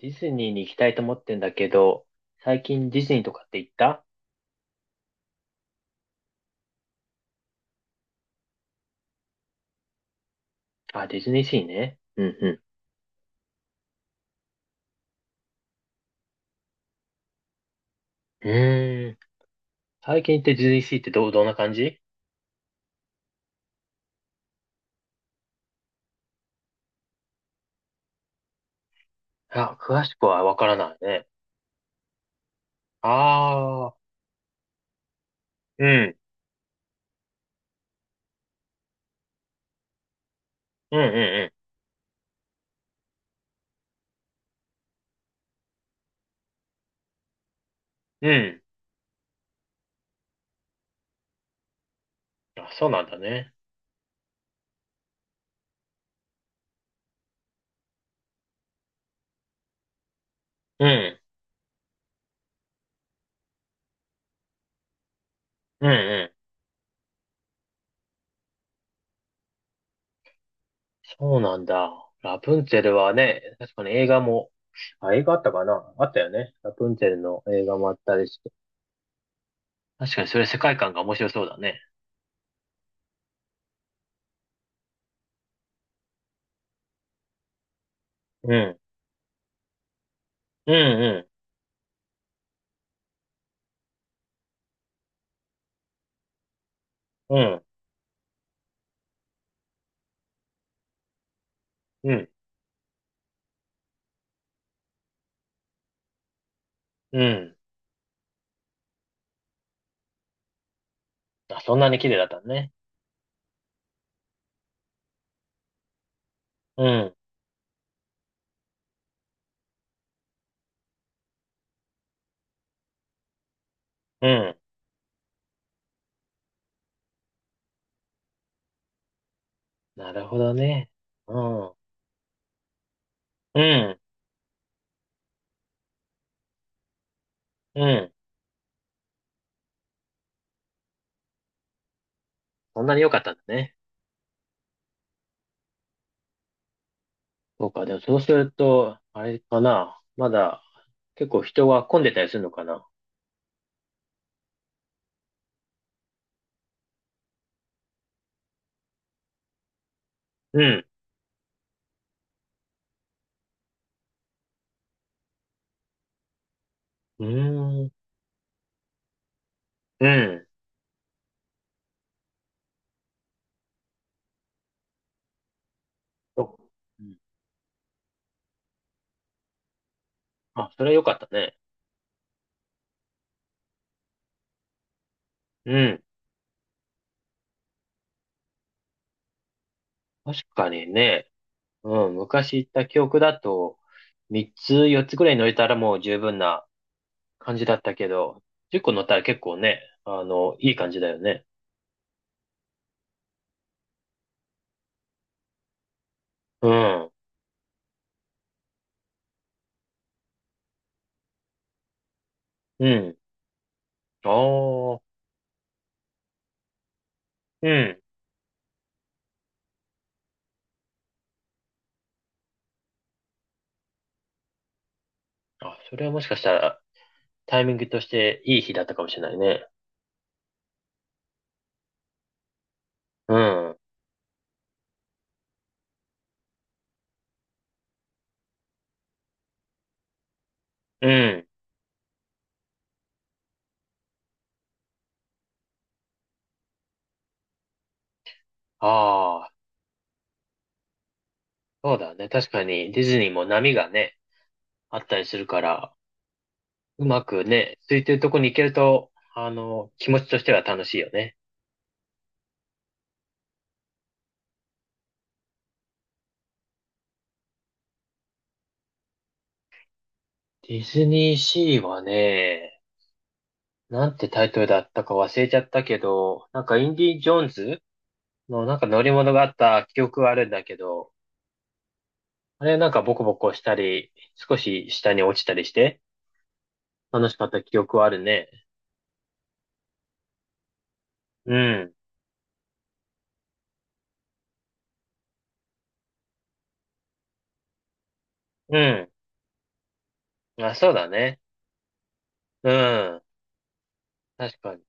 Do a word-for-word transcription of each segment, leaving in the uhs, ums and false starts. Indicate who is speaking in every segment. Speaker 1: ディズニーに行きたいと思ってんだけど、最近ディズニーとかって行った？あ、ディズニーシーね。うんうん。うーん。最近行ってディズニーシーってどう、どんな感じ？あ、詳しくはわからないね。ああ、うん、うんうんうん。うん。あ、そうなんだね。うん、うんうん。そうなんだ。ラプンツェルはね、確かに映画も、あ、映画あったかな、あったよね。ラプンツェルの映画もあったりして。確かにそれ世界観が面白そうだね。うん、うんうん、うん、うん。うん。あ、そんなに綺麗だったのね。うん。うん。なるほどね。うん。うん。うん。そんなに良かったんだね。そうか。でもそうすると、あれかな。まだ結構人が混んでたりするのかな。うん。うーん。うん。そう。うん。あ、それは良かったね。うん。確かにね。うん。昔行った記憶だと、みっつ、よっつぐらい乗れたらもう十分な感じだったけど、じゅっこ乗ったら結構ね、あの、いい感じだよね。うん。うん。ああ、うん。あ、それはもしかしたらタイミングとしていい日だったかもしれないね。うん。うん。ああ、そうだね。確かにディズニーも波がね、あったりするから、うまくね、空いてるとこに行けると、あの、気持ちとしては楽しいよね。ディズニーシーはね、なんてタイトルだったか忘れちゃったけど、なんかインディ・ジョーンズのなんか乗り物があった記憶はあるんだけど、あれなんかボコボコしたり、少し下に落ちたりして、楽しかった記憶はあるね。うん。うん。まあ、そうだね。うん。確かに。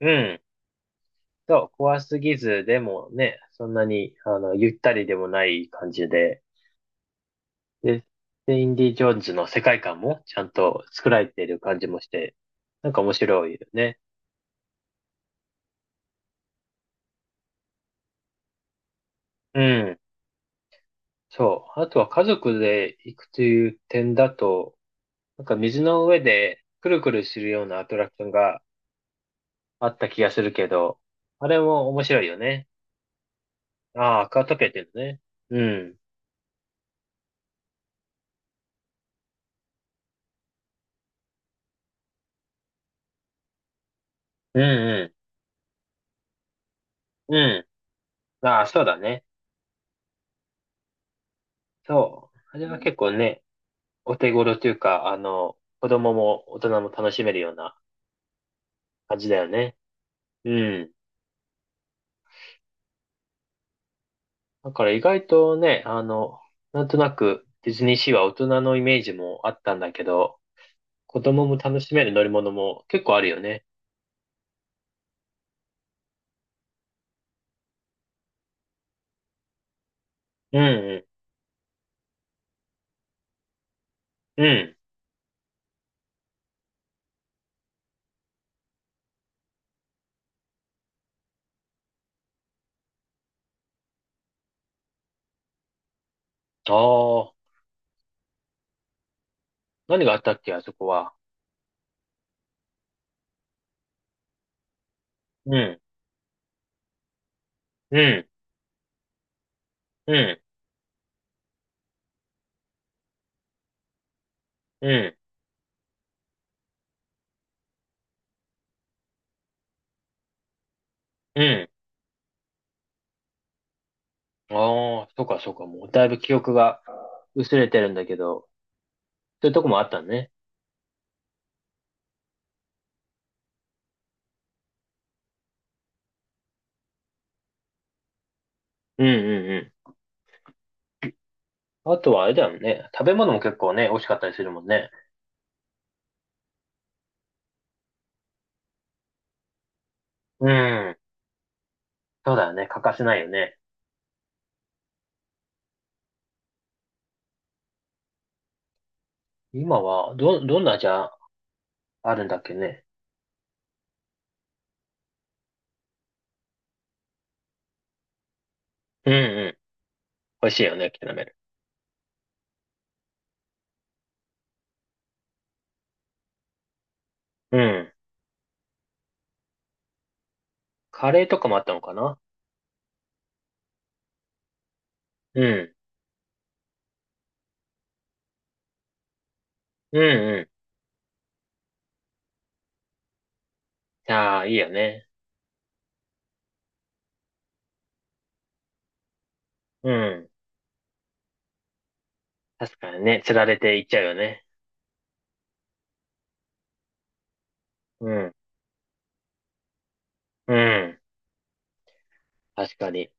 Speaker 1: うん。そう、怖すぎず、でもね、そんなに、あの、ゆったりでもない感じで、で、で、インディ・ジョーンズの世界観もちゃんと作られている感じもして、なんか面白いよね。うん。そう。あとは家族で行くという点だと、なんか水の上でくるくるするようなアトラクションがあった気がするけど、あれも面白いよね。ああ、カートってるね。うん。うんうん。うん。ああ、そうだね。そう。あれは結構ね、お手頃というか、あの、子供も大人も楽しめるような感じだよね。うん。だから意外とね、あの、なんとなくディズニーシーは大人のイメージもあったんだけど、子供も楽しめる乗り物も結構あるよね。うんうん。うん。ああ、何があったっけ、あそこは。うん。うん。うん。うん。うん。ああ、そうかそうか。もうだいぶ記憶が薄れてるんだけど、そういうとこもあったね。うんうんうん。あとはあれだよね。食べ物も結構ね、美味しかったりするもんね。うん。そうだよね。欠かせないよね。今は、ど、どんな味あるんだっけね。うんうん。美味しいよね、キャラメル。うん。カレーとかもあったのかな。うん。うんうん。ああ、いいよね。うん。確かにね、釣られていっちゃうよね。うん。うん。確かに。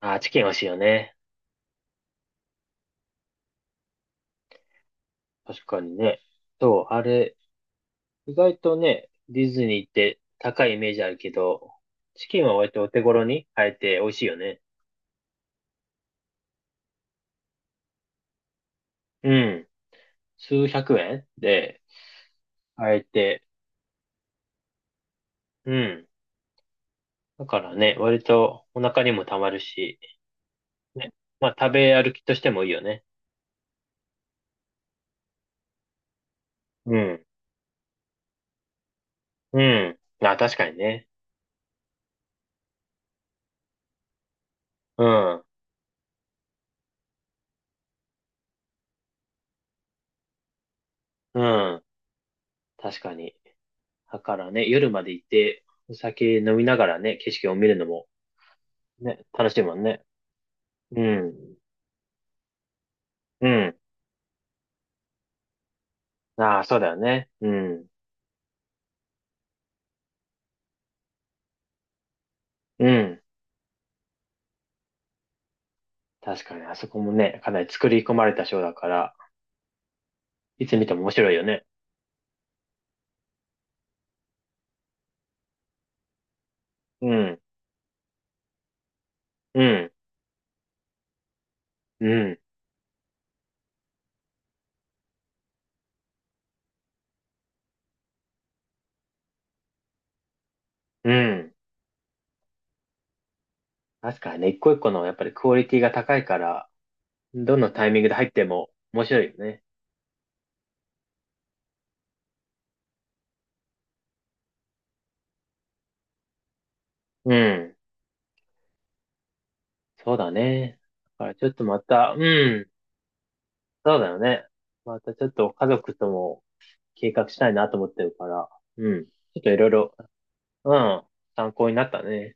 Speaker 1: ああ、チキン美味しいよね。確かにね。そう、あれ、意外とね、ディズニーって高いイメージあるけど、チキンは割とお手頃に買えて美味しいよね。うん。すうひゃくえんで買えて、うん。だからね、割とお腹にもたまるし、ね。まあ食べ歩きとしてもいいよね。うん。うん。あ、確かにね。うん。うん。確かに。だからね、夜まで行って、お酒飲みながらね、景色を見るのもね、楽しいもんね。うん。うん。ああ、そうだよね。うん。うん。確かに、あそこもね、かなり作り込まれたショーだから、いつ見ても面白いよね。うん、うん、うん、うん。確かにね、いっこいっこのやっぱりクオリティが高いから、どのタイミングで入っても面白いよね。うん、そうだね。だからちょっとまた、うん、そうだよね。またちょっと家族とも計画したいなと思ってるから、うん、ちょっといろいろ、うん、参考になったね。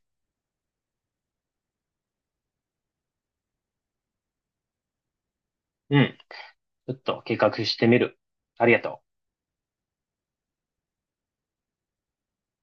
Speaker 1: うん、ちょっと計画してみる。ありがとう。